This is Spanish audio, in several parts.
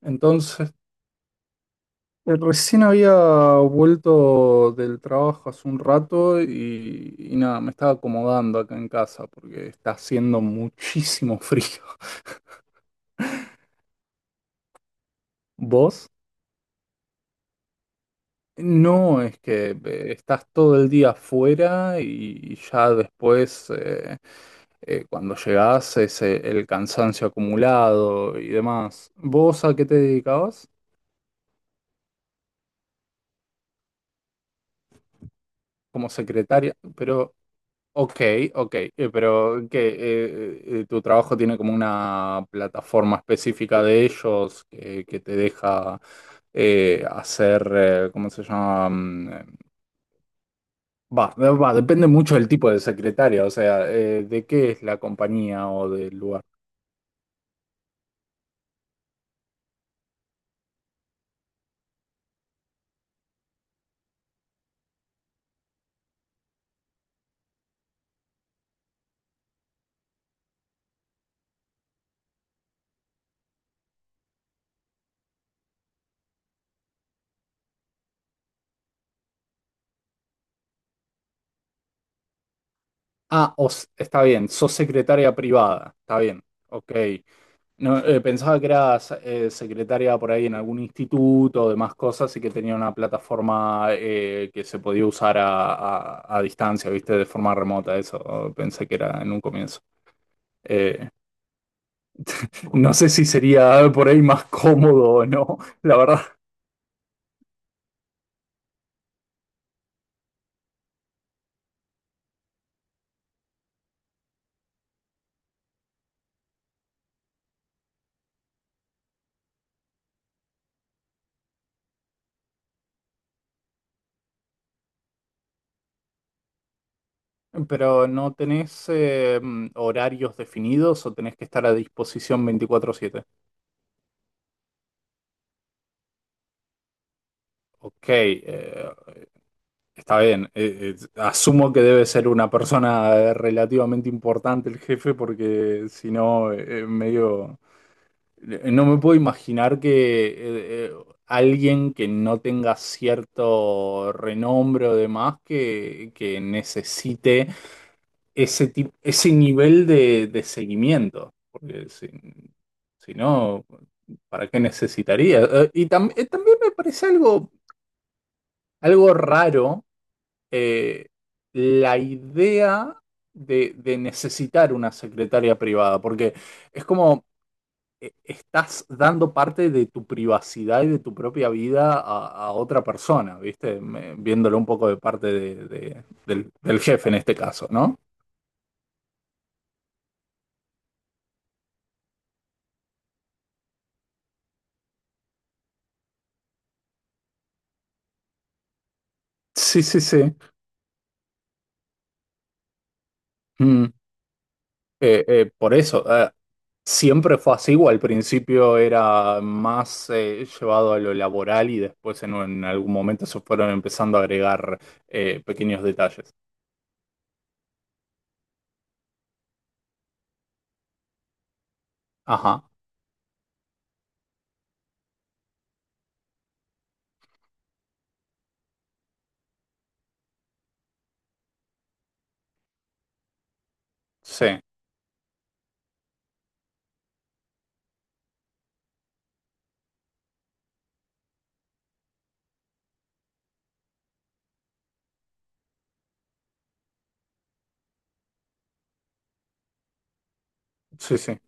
Entonces, recién había vuelto del trabajo hace un rato y nada, me estaba acomodando acá en casa porque está haciendo muchísimo frío. ¿Vos? No, es que estás todo el día afuera y ya después, cuando llegás, es el cansancio acumulado y demás. ¿Vos a qué te dedicabas? Como secretaria, pero ok, ok, pero que tu trabajo tiene como una plataforma específica de ellos que te deja hacer, ¿cómo se llama? Depende mucho del tipo de secretaria, o sea, de qué es la compañía o del lugar. Ah, está bien, sos secretaria privada, está bien, ok. No, pensaba que era secretaria por ahí en algún instituto o demás cosas y que tenía una plataforma que se podía usar a distancia, ¿viste? De forma remota, eso pensé que era en un comienzo. Eh, no sé si sería por ahí más cómodo o no, la verdad. Pero ¿no tenés horarios definidos o tenés que estar a disposición 24/7? Ok, está bien, asumo que debe ser una persona relativamente importante el jefe porque si no, medio, no me puedo imaginar que alguien que no tenga cierto renombre o demás que necesite ese nivel de, seguimiento. Porque si no, ¿para qué necesitaría? Y tam- también me parece algo, algo raro, eh, la idea de, necesitar una secretaria privada, porque es como, estás dando parte de tu privacidad y de tu propia vida a otra persona, ¿viste? Viéndolo un poco de parte del del, jefe en este caso, ¿no? Sí, sí, sí. Por eso, siempre fue así, o al principio era más llevado a lo laboral y después en algún momento se fueron empezando a agregar pequeños detalles. Ajá, sí, sí, sí.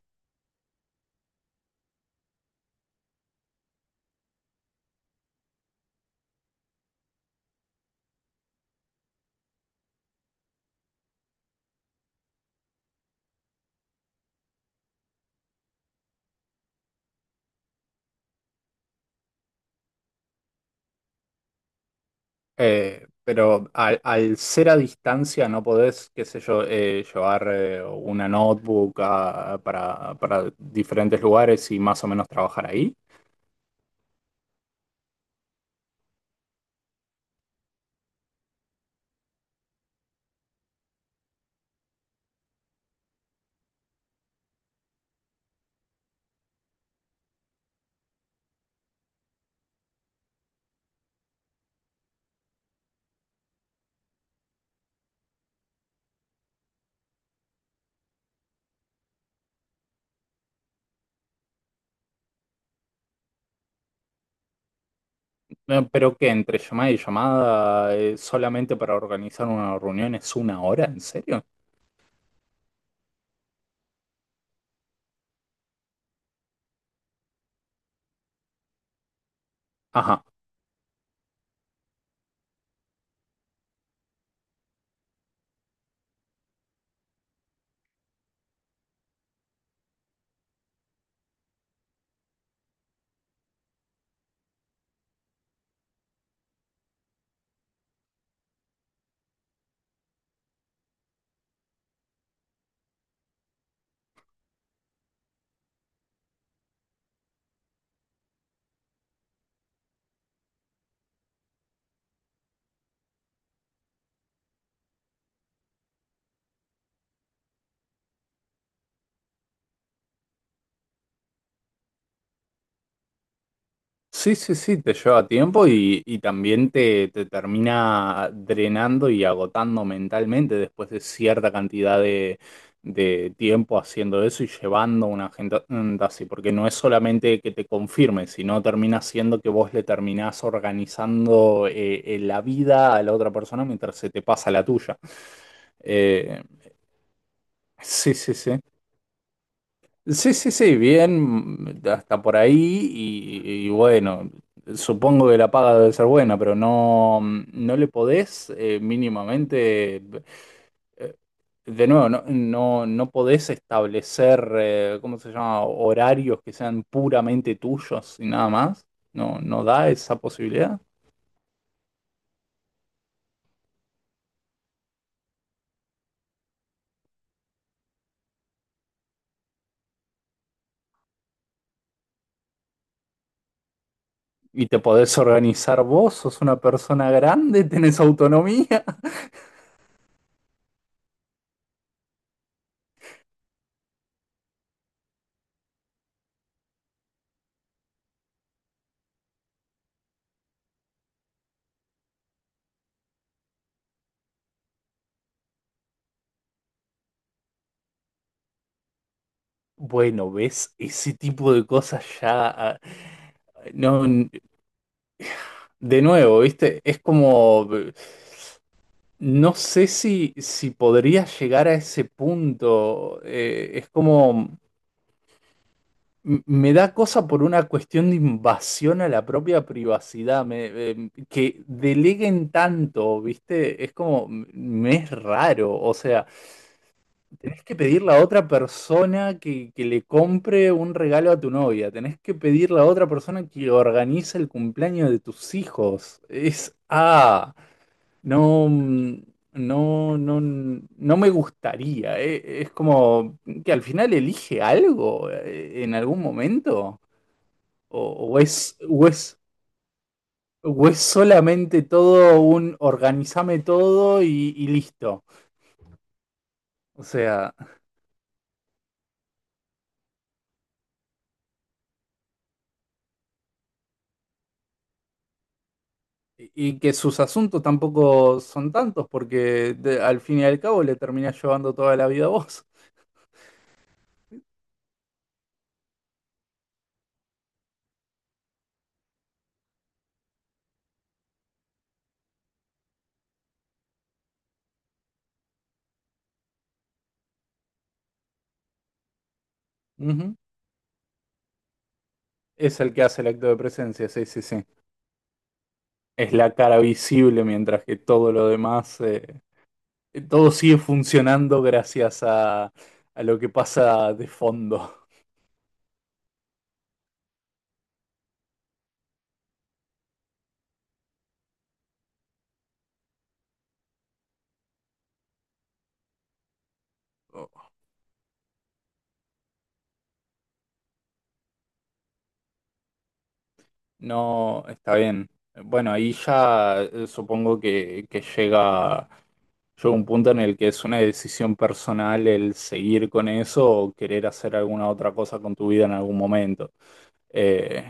Pero al ser a distancia no podés, qué sé yo, llevar una notebook para diferentes lugares y más o menos trabajar ahí. No, pero que entre llamada y llamada, solamente para organizar una reunión es una hora, ¿en serio? Ajá. Sí, sí, sí, te lleva tiempo y también te termina drenando y agotando mentalmente después de cierta cantidad de, tiempo haciendo eso y llevando una agenda así, porque no es solamente que te confirme, sino termina siendo que vos le terminás organizando la vida a la otra persona mientras se te pasa la tuya. Eh, Sí, sí, sí. Sí, sí, sí, bien, hasta por ahí, y bueno, supongo que la paga debe ser buena, pero no, no le podés, mínimamente, eh, de nuevo, no podés establecer, ¿cómo se llama?, horarios que sean puramente tuyos y nada más. No, no da esa posibilidad. Y te podés organizar vos, sos una persona grande, tenés autonomía. Bueno, ¿ves? Ese tipo de cosas ya. No, de nuevo, ¿viste? Es como. No sé si podría llegar a ese punto. Es como. Me da cosa por una cuestión de invasión a la propia privacidad, que deleguen tanto, ¿viste? Es como, me es raro, o sea. Tenés que pedirle a otra persona que le compre un regalo a tu novia. Tenés que pedirle a otra persona que organice el cumpleaños de tus hijos. Es, no, no me gustaría. Es como que al final elige algo, en algún momento. O, o es, o es, o es solamente todo un organizame todo y listo. O sea. Y que sus asuntos tampoco son tantos, porque al fin y al cabo le terminás llevando toda la vida a vos. Ujú. Es el que hace el acto de presencia, sí, sí, sí. Es la cara visible mientras que todo lo demás, todo sigue funcionando gracias a lo que pasa de fondo. No, está bien. Bueno, ahí ya, supongo que llega un punto en el que es una decisión personal el seguir con eso o querer hacer alguna otra cosa con tu vida en algún momento. Eh,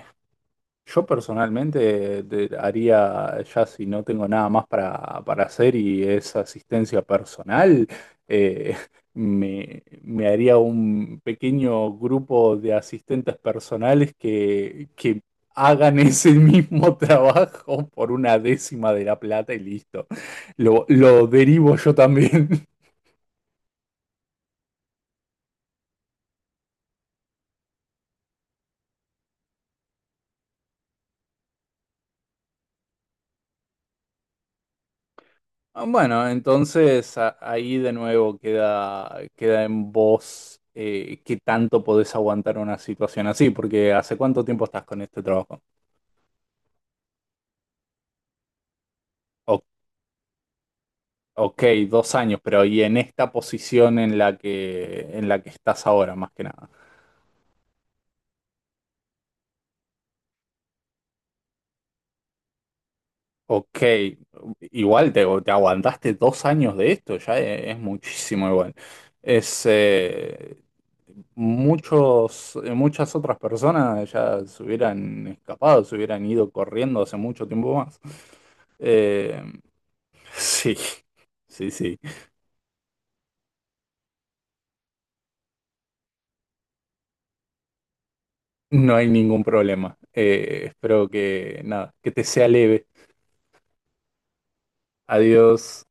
yo personalmente haría, ya si no tengo nada más para hacer y es asistencia personal, eh, me haría un pequeño grupo de asistentes personales que hagan ese mismo trabajo por una décima de la plata y listo. Lo derivo yo también. Ah, bueno, entonces ahí de nuevo queda en vos, qué tanto podés aguantar una situación así, porque ¿hace cuánto tiempo estás con este trabajo? O- ok, 2 años, pero ¿y en esta posición en la que, estás ahora, más que nada? Ok, igual te aguantaste 2 años de esto, ya es muchísimo igual. Es, eh, Muchas otras personas ya se hubieran escapado, se hubieran ido corriendo hace mucho tiempo más. Eh, sí, sí, sí, no hay ningún problema. Espero nada, que te sea leve. Adiós.